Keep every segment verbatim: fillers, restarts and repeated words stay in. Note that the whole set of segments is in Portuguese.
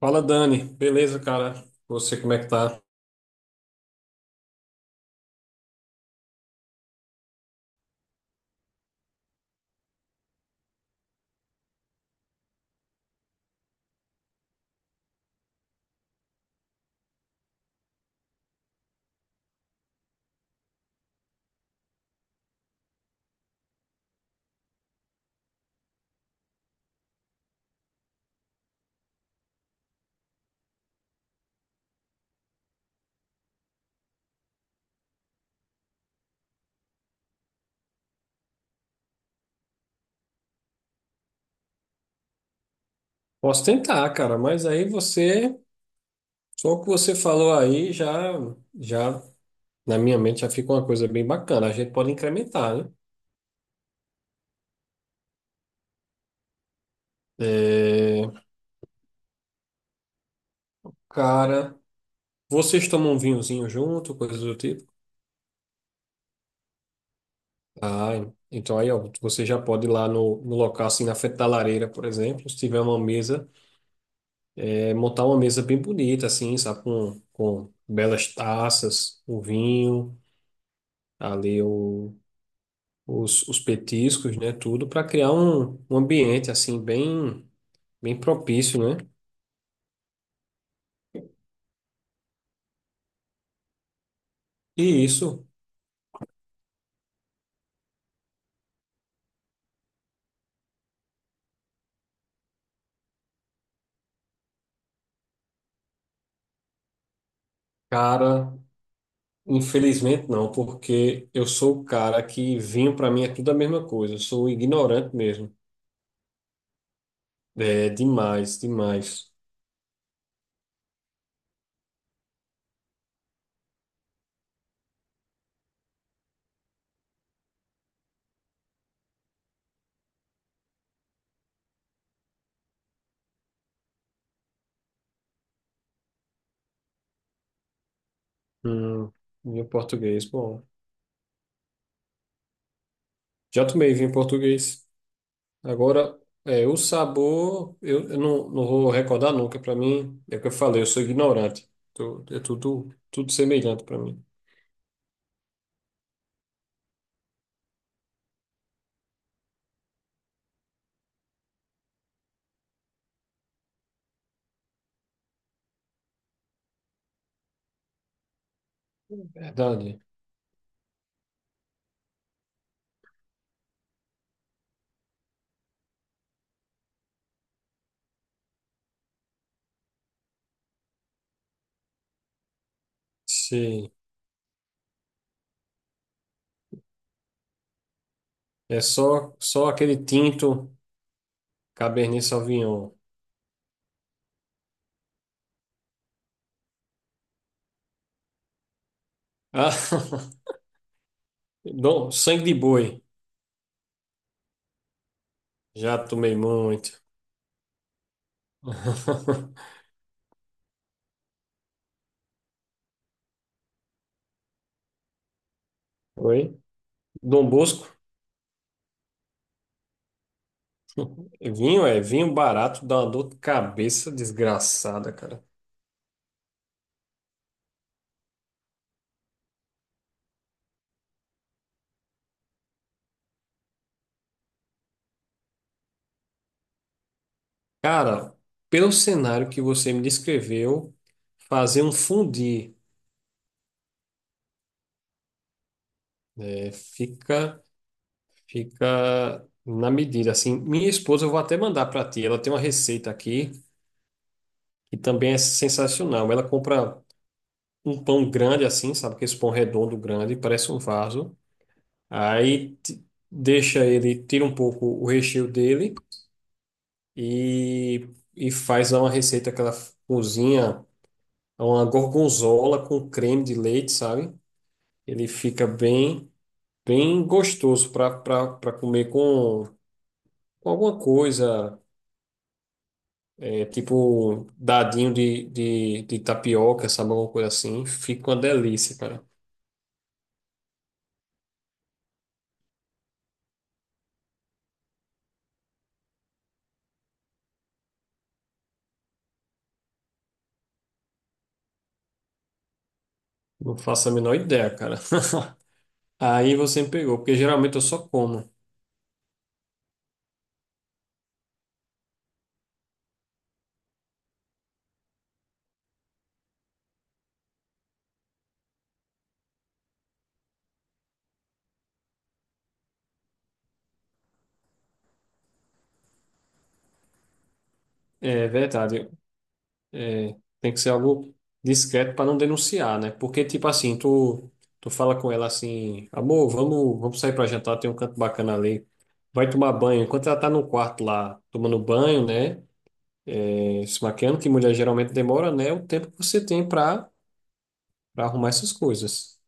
Fala, Dani. Beleza, cara? Você, como é que tá? Posso tentar, cara, mas aí você, só o que você falou aí já, já na minha mente já fica uma coisa bem bacana. A gente pode incrementar, né? É, cara, vocês tomam um vinhozinho junto, coisa do tipo? Ah, então aí, ó, você já pode ir lá no, no local, assim, na frente da lareira, por exemplo, se tiver uma mesa, é, montar uma mesa bem bonita, assim, sabe? Com, com belas taças, o vinho, ali o os, os petiscos, né, tudo, para criar um, um ambiente assim bem bem propício, né? E isso, cara, infelizmente não, porque eu sou o cara que vinho para mim é tudo a mesma coisa, eu sou ignorante mesmo. É demais, demais. Hum, vinho português, bom. Já tomei vinho português. Agora, é, o sabor, eu, eu não, não vou recordar nunca. Para mim, é o que eu falei, eu sou ignorante. Tu- É tudo, tudo semelhante para mim. Verdade. Sim. É só, só aquele tinto Cabernet Sauvignon. Ah, Dom, sangue de boi. Já tomei muito. Oi? Dom Bosco. Vinho é vinho barato, dá uma dor de cabeça desgraçada, cara. Cara, pelo cenário que você me descreveu, fazer um fundi né, fica, fica na medida. Assim, minha esposa, eu vou até mandar para ti. Ela tem uma receita aqui, que também é sensacional. Ela compra um pão grande assim, sabe? Que esse pão redondo grande, parece um vaso. Aí ti- Deixa ele, tira um pouco o recheio dele e, e faz lá uma receita que ela cozinha, uma gorgonzola com creme de leite, sabe? Ele fica bem, bem gostoso para para comer com, com alguma coisa, é, tipo um dadinho de, de, de tapioca, sabe? Alguma coisa assim. Fica uma delícia, cara. Não faço a menor ideia, cara. Aí você me pegou, porque geralmente eu só como. É verdade, tem que ser algo discreto para não denunciar, né? Porque, tipo assim, tu, tu fala com ela assim, amor, vamos, vamos sair para jantar, tem um canto bacana ali. Vai tomar banho. Enquanto ela tá no quarto lá, tomando banho, né? eh, Se maquiando, que mulher geralmente demora, né? É o tempo que você tem para para arrumar essas coisas.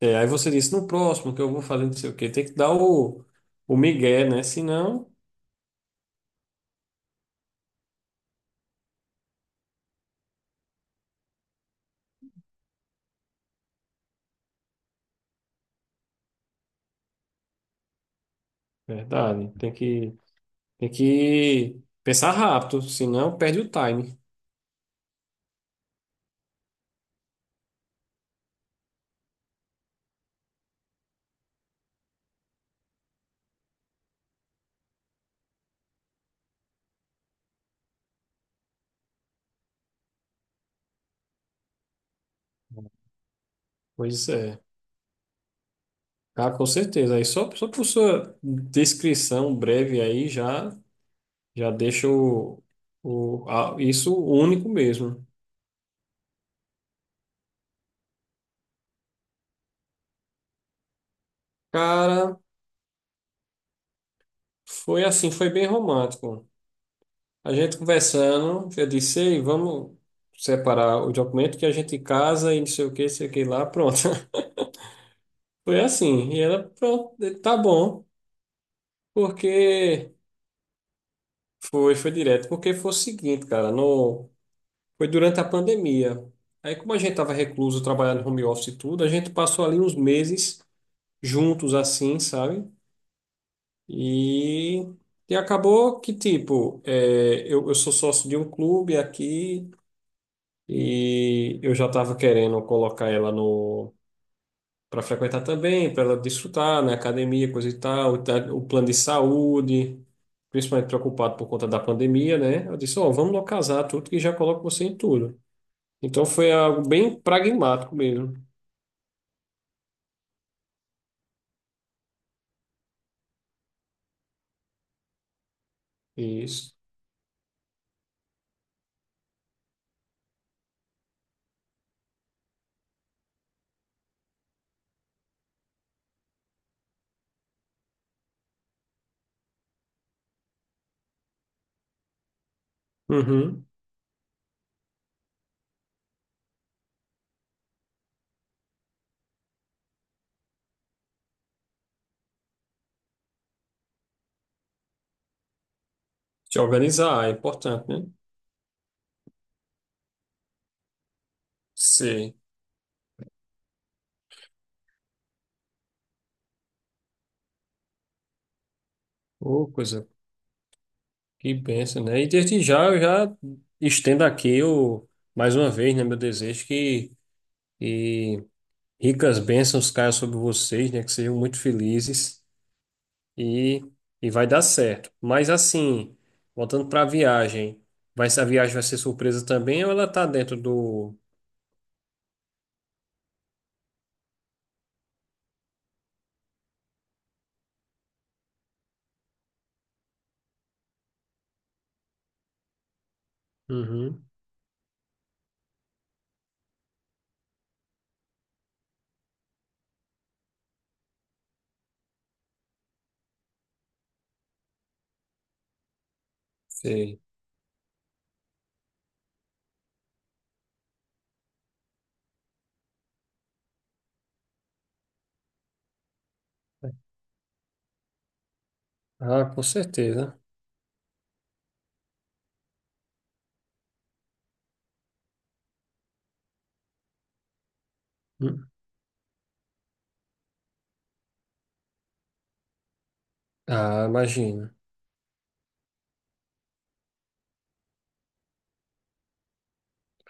É, aí você disse, no próximo, que eu vou fazer não sei o quê. Tem que dar o, o migué, né? Senão, verdade, tem que tem que pensar rápido, senão perde o time. Pois é. Ah, com certeza. Aí só, só por sua descrição breve aí já, já deixa o, o, a- isso único mesmo. Cara, foi assim, foi bem romântico. A gente conversando, eu disse, ei, vamos separar o documento que a gente casa e não sei o que, sei o que lá, pronto. Foi assim. E ela, pronto, tá bom. Porque foi, foi direto. Porque foi o seguinte, cara, no. Foi durante a pandemia. Aí, como a gente estava recluso, trabalhando home office e tudo, a gente passou ali uns meses juntos, assim, sabe? E, e acabou que, tipo, é, eu, eu sou sócio de um clube aqui e eu já estava querendo colocar ela no para frequentar também, para ela desfrutar, né? Academia, coisa e tal, o ta- o plano de saúde, principalmente preocupado por conta da pandemia, né? Eu disse, ó, vamos localizar tudo que já coloco você em tudo. Então foi algo bem pragmático mesmo. Isso. Uhum. Se organizar é importante, né? Sim. Ô, coisa que benção, né? E desde já eu já estendo aqui o, mais uma vez, né, meu desejo que, que ricas bênçãos caiam sobre vocês, né? Que sejam muito felizes e, e vai dar certo. Mas assim, voltando para a viagem, vai, se a viagem vai ser surpresa também ou ela tá dentro do. Uhum. Sei. Ah, com certeza. Ah, imagina.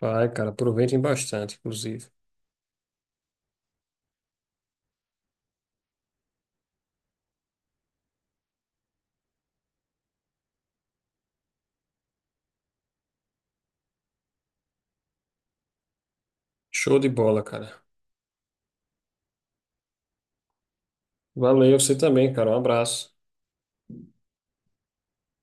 Vai, cara, aproveitem bastante, inclusive. Show de bola, cara. Valeu, você também, cara. Um abraço.